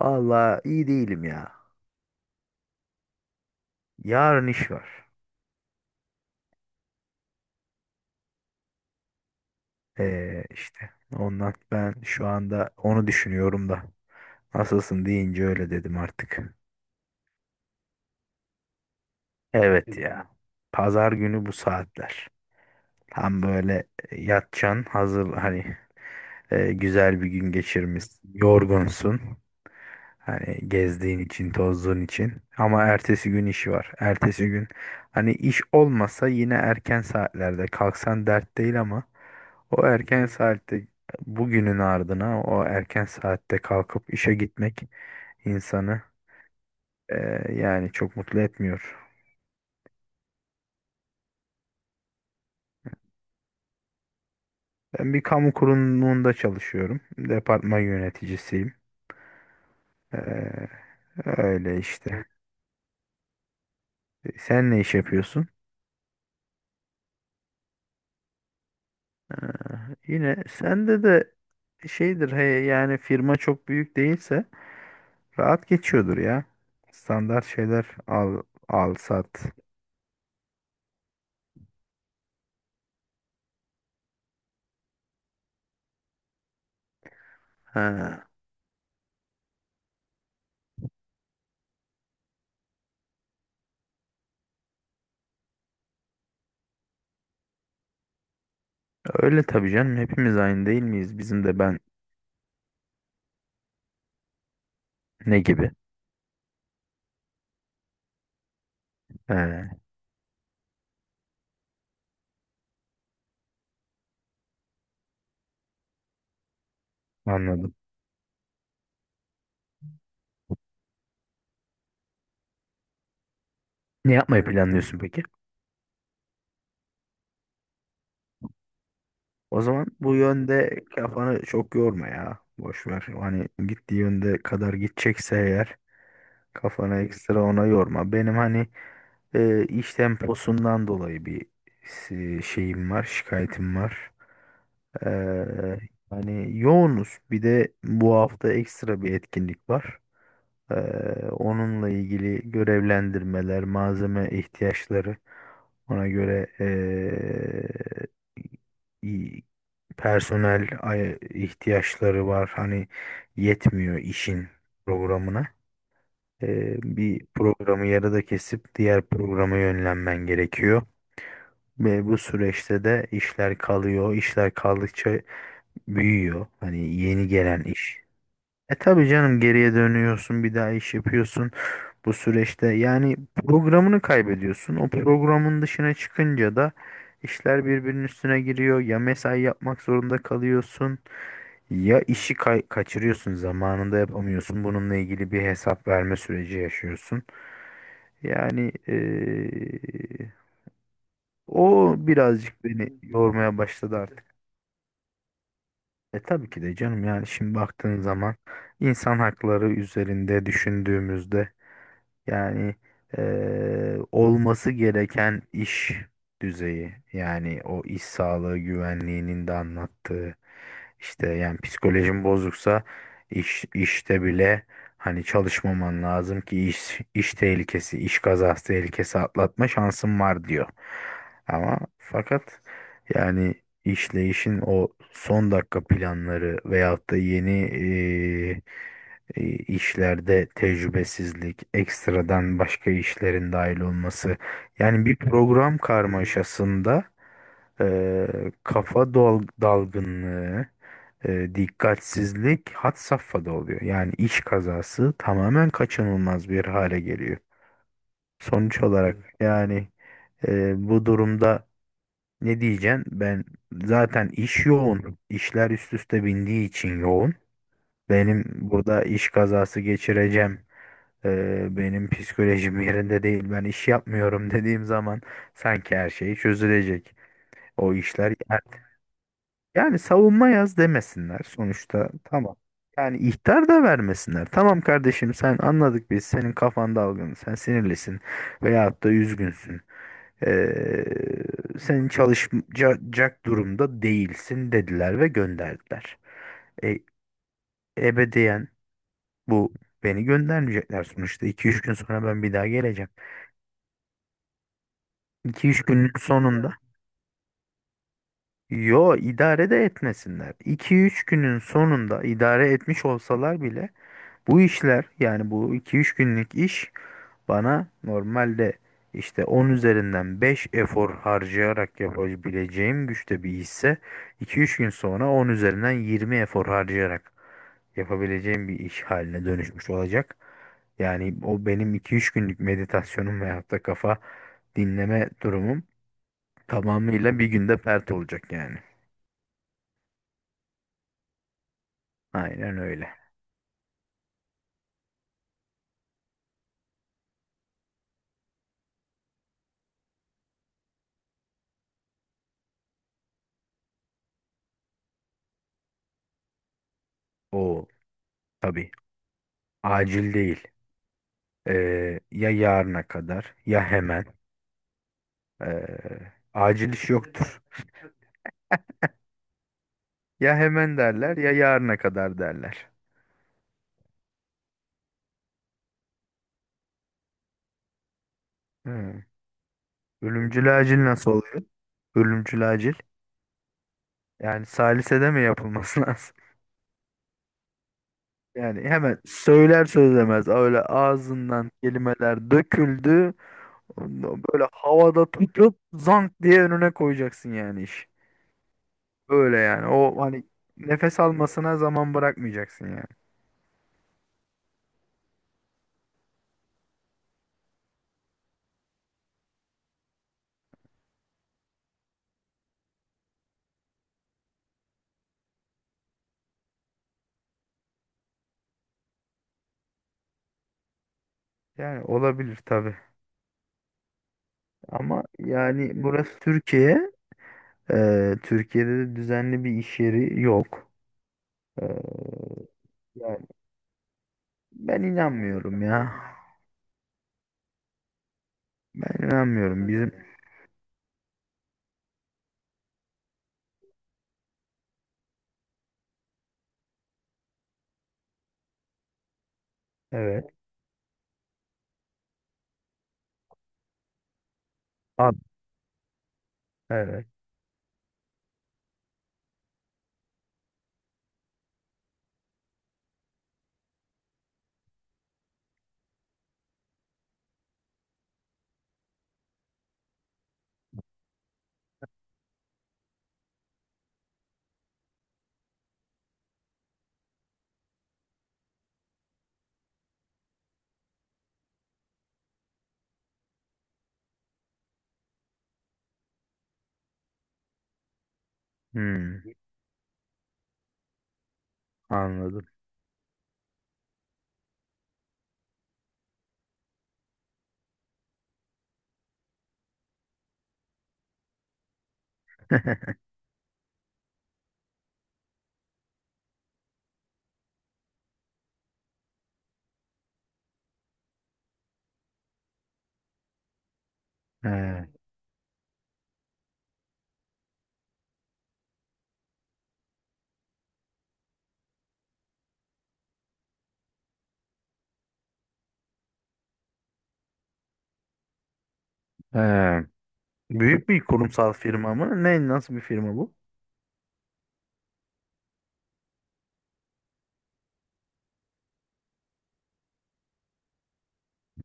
Vallahi iyi değilim ya. Yarın iş var. İşte ondan ben şu anda onu düşünüyorum da. Nasılsın deyince öyle dedim artık. Evet ya. Pazar günü bu saatler. Tam böyle yatacaksın hazır hani güzel bir gün geçirmişsin. Yorgunsun. Hani gezdiğin için, tozduğun için. Ama ertesi gün işi var. Ertesi gün hani iş olmasa yine erken saatlerde kalksan dert değil ama o erken, evet, saatte bugünün ardına o erken saatte kalkıp işe gitmek insanı yani çok mutlu etmiyor. Ben bir kamu kurumunda çalışıyorum. Departman yöneticisiyim. Eee, öyle işte. Sen ne iş yapıyorsun? Yine sende de şeydir he, yani firma çok büyük değilse rahat geçiyordur ya. Standart şeyler al, al sat. Ha, öyle tabii canım. Hepimiz aynı değil miyiz? Bizim de ben ne gibi? He, anladım. Ne yapmayı planlıyorsun peki? O zaman bu yönde kafanı çok yorma ya. Boş ver. Hani gittiği yönde kadar gidecekse eğer kafanı ekstra ona yorma. Benim hani iş temposundan dolayı bir şeyim var, şikayetim var. Ee, yani yoğunuz. Bir de bu hafta ekstra bir etkinlik var. Ee, onunla ilgili görevlendirmeler, malzeme ihtiyaçları, ona göre i- personel ihtiyaçları var. Hani yetmiyor işin programına. Bir programı yarıda kesip diğer programa yönlenmen gerekiyor. Ve bu süreçte de işler kalıyor. İşler kaldıkça büyüyor. Hani yeni gelen iş. E tabii canım geriye dönüyorsun bir daha iş yapıyorsun bu süreçte yani programını kaybediyorsun. O programın dışına çıkınca da işler birbirinin üstüne giriyor. Ya mesai yapmak zorunda kalıyorsun ya işi kaçırıyorsun zamanında yapamıyorsun. Bununla ilgili bir hesap verme süreci yaşıyorsun. Yani o birazcık beni yormaya başladı artık. E tabii ki de canım yani şimdi baktığın zaman insan hakları üzerinde düşündüğümüzde yani olması gereken iş düzeyi yani o iş sağlığı güvenliğinin de anlattığı işte yani psikolojin bozuksa iş işte bile hani çalışmaman lazım ki iş tehlikesi, iş kazası tehlikesi atlatma şansın var diyor. Ama fakat yani işleyişin o son dakika planları veyahut da yeni işlerde tecrübesizlik, ekstradan başka işlerin dahil olması. Yani bir program karmaşasında e, kafa dalgınlığı, dikkatsizlik had safhada oluyor. Yani iş kazası tamamen kaçınılmaz bir hale geliyor. Sonuç olarak, evet, yani bu durumda ne diyeceksin? Ben zaten iş yoğun, işler üst üste bindiği için yoğun. Benim burada iş kazası geçireceğim benim psikolojim yerinde değil. Ben iş yapmıyorum dediğim zaman sanki her şey çözülecek. O işler yani, yani savunma yaz demesinler sonuçta. Tamam. Yani ihtar da vermesinler. Tamam kardeşim sen anladık biz. Senin kafan dalgın. Sen sinirlisin veyahut da üzgünsün. Ee, senin çalışacak durumda değilsin dediler ve gönderdiler. E, ebediyen bu beni göndermeyecekler sonuçta. İki üç gün sonra ben bir daha geleceğim. 2 üç günün sonunda. Yo idare de etmesinler. 2 üç günün sonunda idare etmiş olsalar bile bu işler yani bu iki üç günlük iş bana normalde işte 10 üzerinden 5 efor harcayarak yapabileceğim güçte bir işse iki üç gün sonra 10 üzerinden 20 efor harcayarak yapabileceğim bir iş haline dönüşmüş olacak. Yani o benim iki üç günlük meditasyonum veyahut da kafa dinleme durumum tamamıyla bir günde pert olacak yani. Aynen öyle. O tabii acil değil. Ya yarına kadar ya hemen. Ee, acil iş yoktur. Ya hemen derler ya yarına kadar derler. Hı. Ölümcül acil nasıl oluyor? Ölümcül acil. Yani salisede mi yapılması lazım? Yani hemen söyler söylemez öyle ağzından kelimeler döküldü. Böyle havada tutup zank diye önüne koyacaksın yani iş. Öyle yani. O hani nefes almasına zaman bırakmayacaksın yani. Yani olabilir tabii. Ama yani burası Türkiye. Türkiye'de de düzenli bir iş yeri yok. Ee, yani ben inanmıyorum ya. Ben inanmıyorum. Bizim evet. Ad, evet. Hmm, anladım. He, he. Büyük bir kurumsal firma mı? Ne, nasıl bir firma bu?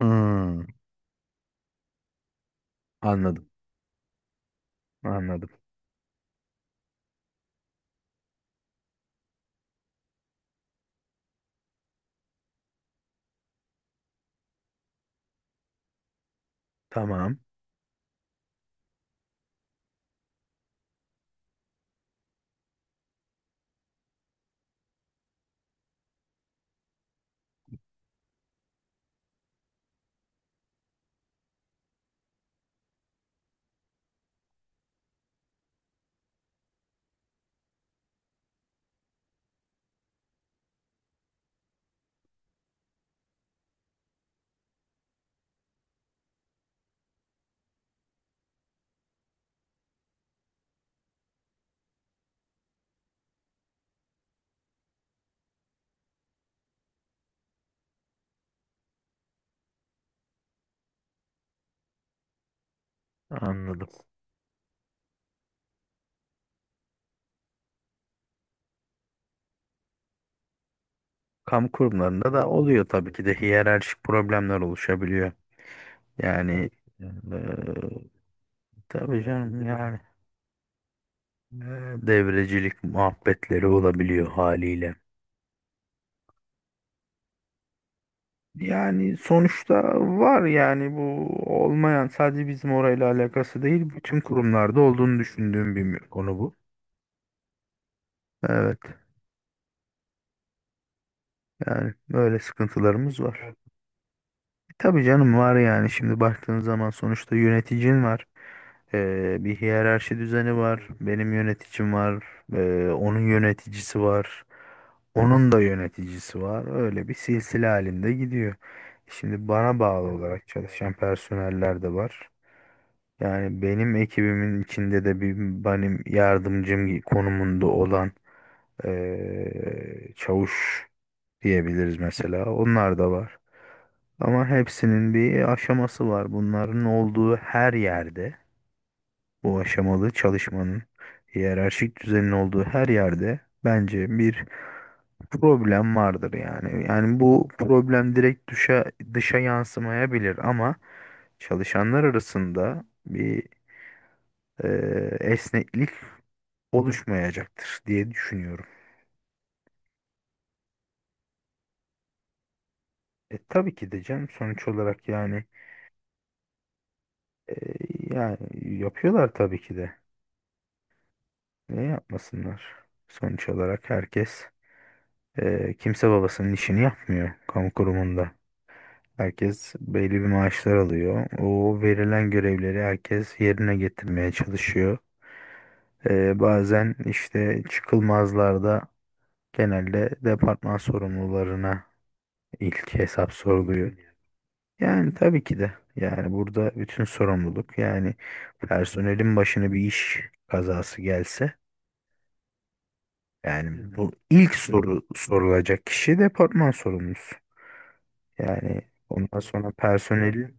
Hmm, anladım. Anladım. Tamam. Anladım. Kamu kurumlarında da oluyor tabii ki de hiyerarşik problemler oluşabiliyor. Yani eee tabii canım yani devrecilik muhabbetleri olabiliyor haliyle. Yani sonuçta var yani bu olmayan sadece bizim orayla alakası değil bütün kurumlarda olduğunu düşündüğüm bir konu bu. Evet yani böyle sıkıntılarımız var. Tabii canım var yani şimdi baktığın zaman sonuçta yöneticin var. Bir hiyerarşi düzeni var. Benim yöneticim var. Onun yöneticisi var. Onun da yöneticisi var. Öyle bir silsile halinde gidiyor. Şimdi bana bağlı olarak çalışan personeller de var. Yani benim ekibimin içinde de bir benim yardımcım konumunda olan çavuş diyebiliriz mesela. Onlar da var. Ama hepsinin bir aşaması var. Bunların olduğu her yerde, bu aşamalı çalışmanın hiyerarşik düzenin olduğu her yerde bence bir problem vardır yani. Yani bu problem direkt dışa yansımayabilir ama çalışanlar arasında bir esneklik oluşmayacaktır diye düşünüyorum. E, tabii ki de canım sonuç olarak yani e, yani yapıyorlar tabii ki de. Ne yapmasınlar? Sonuç olarak herkes kimse babasının işini yapmıyor kamu kurumunda. Herkes belli bir maaşlar alıyor. O verilen görevleri herkes yerine getirmeye çalışıyor. Bazen işte çıkılmazlarda genelde departman sorumlularına ilk hesap soruluyor. Yani tabii ki de yani burada bütün sorumluluk yani personelin başına bir iş kazası gelse yani, evet, bu ilk soru sorulacak kişi departman sorumlusu. Yani ondan sonra personeli,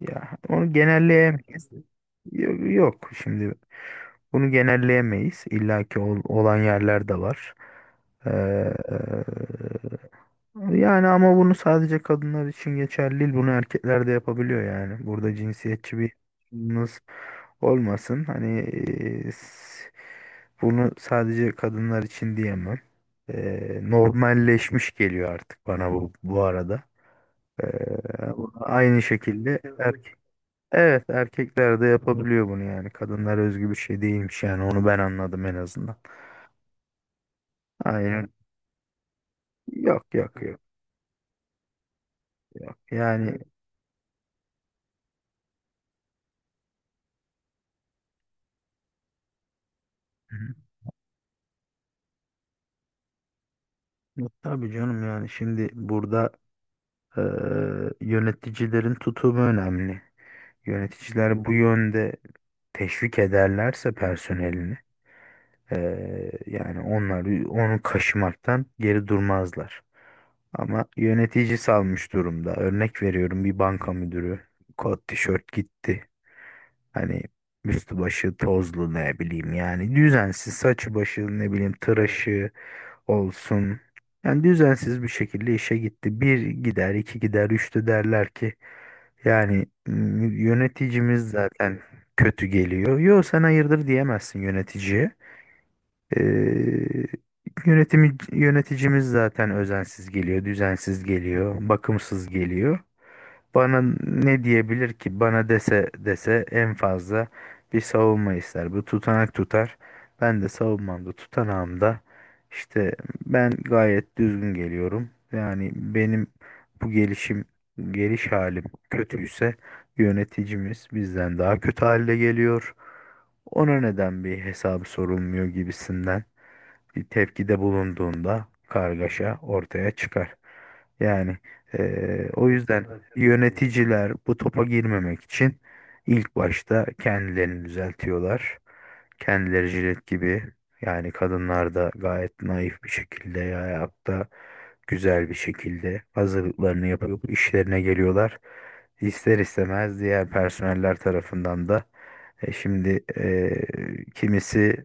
ya onu genelleyemeyiz. Yok, yok şimdi bunu genelleyemeyiz. İlla ki olan yerler de var. Ee, Yani ama bunu sadece kadınlar için geçerli değil. Bunu erkekler de yapabiliyor yani. Burada cinsiyetçi bir yaklaşımınız olmasın. Hani e, s- bunu sadece kadınlar için diyemem. E, normalleşmiş geliyor artık bana bu arada. E, aynı şekilde erkek. Evet erkekler de yapabiliyor bunu yani. Kadınlar özgü bir şey değilmiş yani. Onu ben anladım en azından. Aynen. Yok yok yok yok. Yani, yok, tabii canım yani şimdi burada eee, yöneticilerin tutumu önemli. Yöneticiler bu yönde teşvik ederlerse personelini yani onlar onu kaşımaktan geri durmazlar. Ama yönetici salmış durumda. Örnek veriyorum bir banka müdürü kot tişört gitti. Hani üstü başı tozlu ne bileyim yani düzensiz saçı başı ne bileyim tıraşı olsun. Yani düzensiz bir şekilde işe gitti. Bir gider, iki gider, üçte derler ki yani yöneticimiz zaten kötü geliyor. Yo sen hayırdır diyemezsin yöneticiye. Ee, yönetimi, yöneticimiz zaten özensiz geliyor, düzensiz geliyor, bakımsız geliyor. Bana ne diyebilir ki? Bana dese dese en fazla bir savunma ister. Bu tutanak tutar. Ben de savunmamda, tutanağımda işte ben gayet düzgün geliyorum. Yani benim bu gelişim, geliş halim kötüyse yöneticimiz bizden daha kötü halde geliyor. Ona neden bir hesabı sorulmuyor gibisinden bir tepkide bulunduğunda kargaşa ortaya çıkar. Yani o yüzden yöneticiler bu topa girmemek için ilk başta kendilerini düzeltiyorlar. Kendileri jilet gibi yani kadınlar da gayet naif bir şekilde ya hayatta güzel bir şekilde hazırlıklarını yapıp işlerine geliyorlar. İster istemez diğer personeller tarafından da şimdi kimisi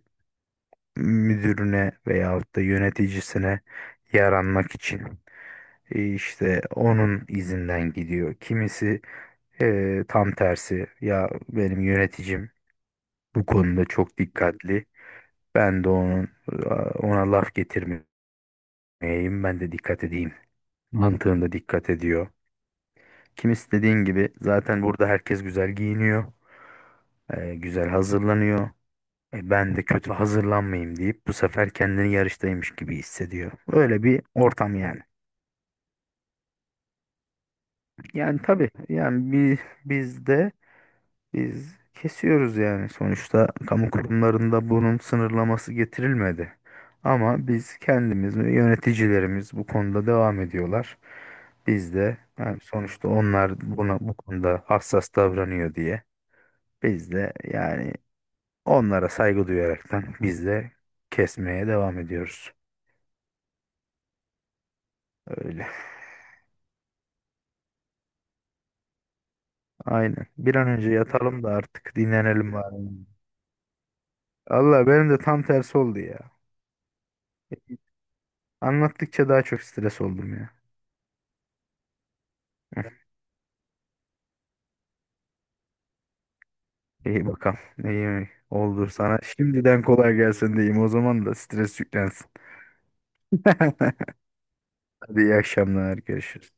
müdürüne veyahut da yöneticisine yaranmak için işte onun izinden gidiyor. Kimisi tam tersi ya benim yöneticim bu konuda çok dikkatli. Ben de onun ona laf getirmeyeyim ben de dikkat edeyim. Mantığında dikkat ediyor. Kimisi dediğin gibi zaten burada herkes güzel giyiniyor, güzel hazırlanıyor. E, ben de kötü hazırlanmayayım deyip bu sefer kendini yarıştaymış gibi hissediyor. Öyle bir ortam yani. Yani tabii yani biz de biz kesiyoruz yani sonuçta kamu kurumlarında bunun sınırlaması getirilmedi. Ama biz kendimiz ve yöneticilerimiz bu konuda devam ediyorlar. Biz de yani sonuçta onlar buna bu konuda hassas davranıyor diye biz de yani onlara saygı duyaraktan biz de kesmeye devam ediyoruz. Öyle. Aynen. Bir an önce yatalım da artık dinlenelim bari. Allah benim de tam tersi oldu ya. Anlattıkça daha çok stres oldum ya. Heh, İyi bakalım. İyi mi? Oldu sana. Şimdiden kolay gelsin diyeyim. O zaman da stres yüklensin. Hadi iyi akşamlar. Görüşürüz.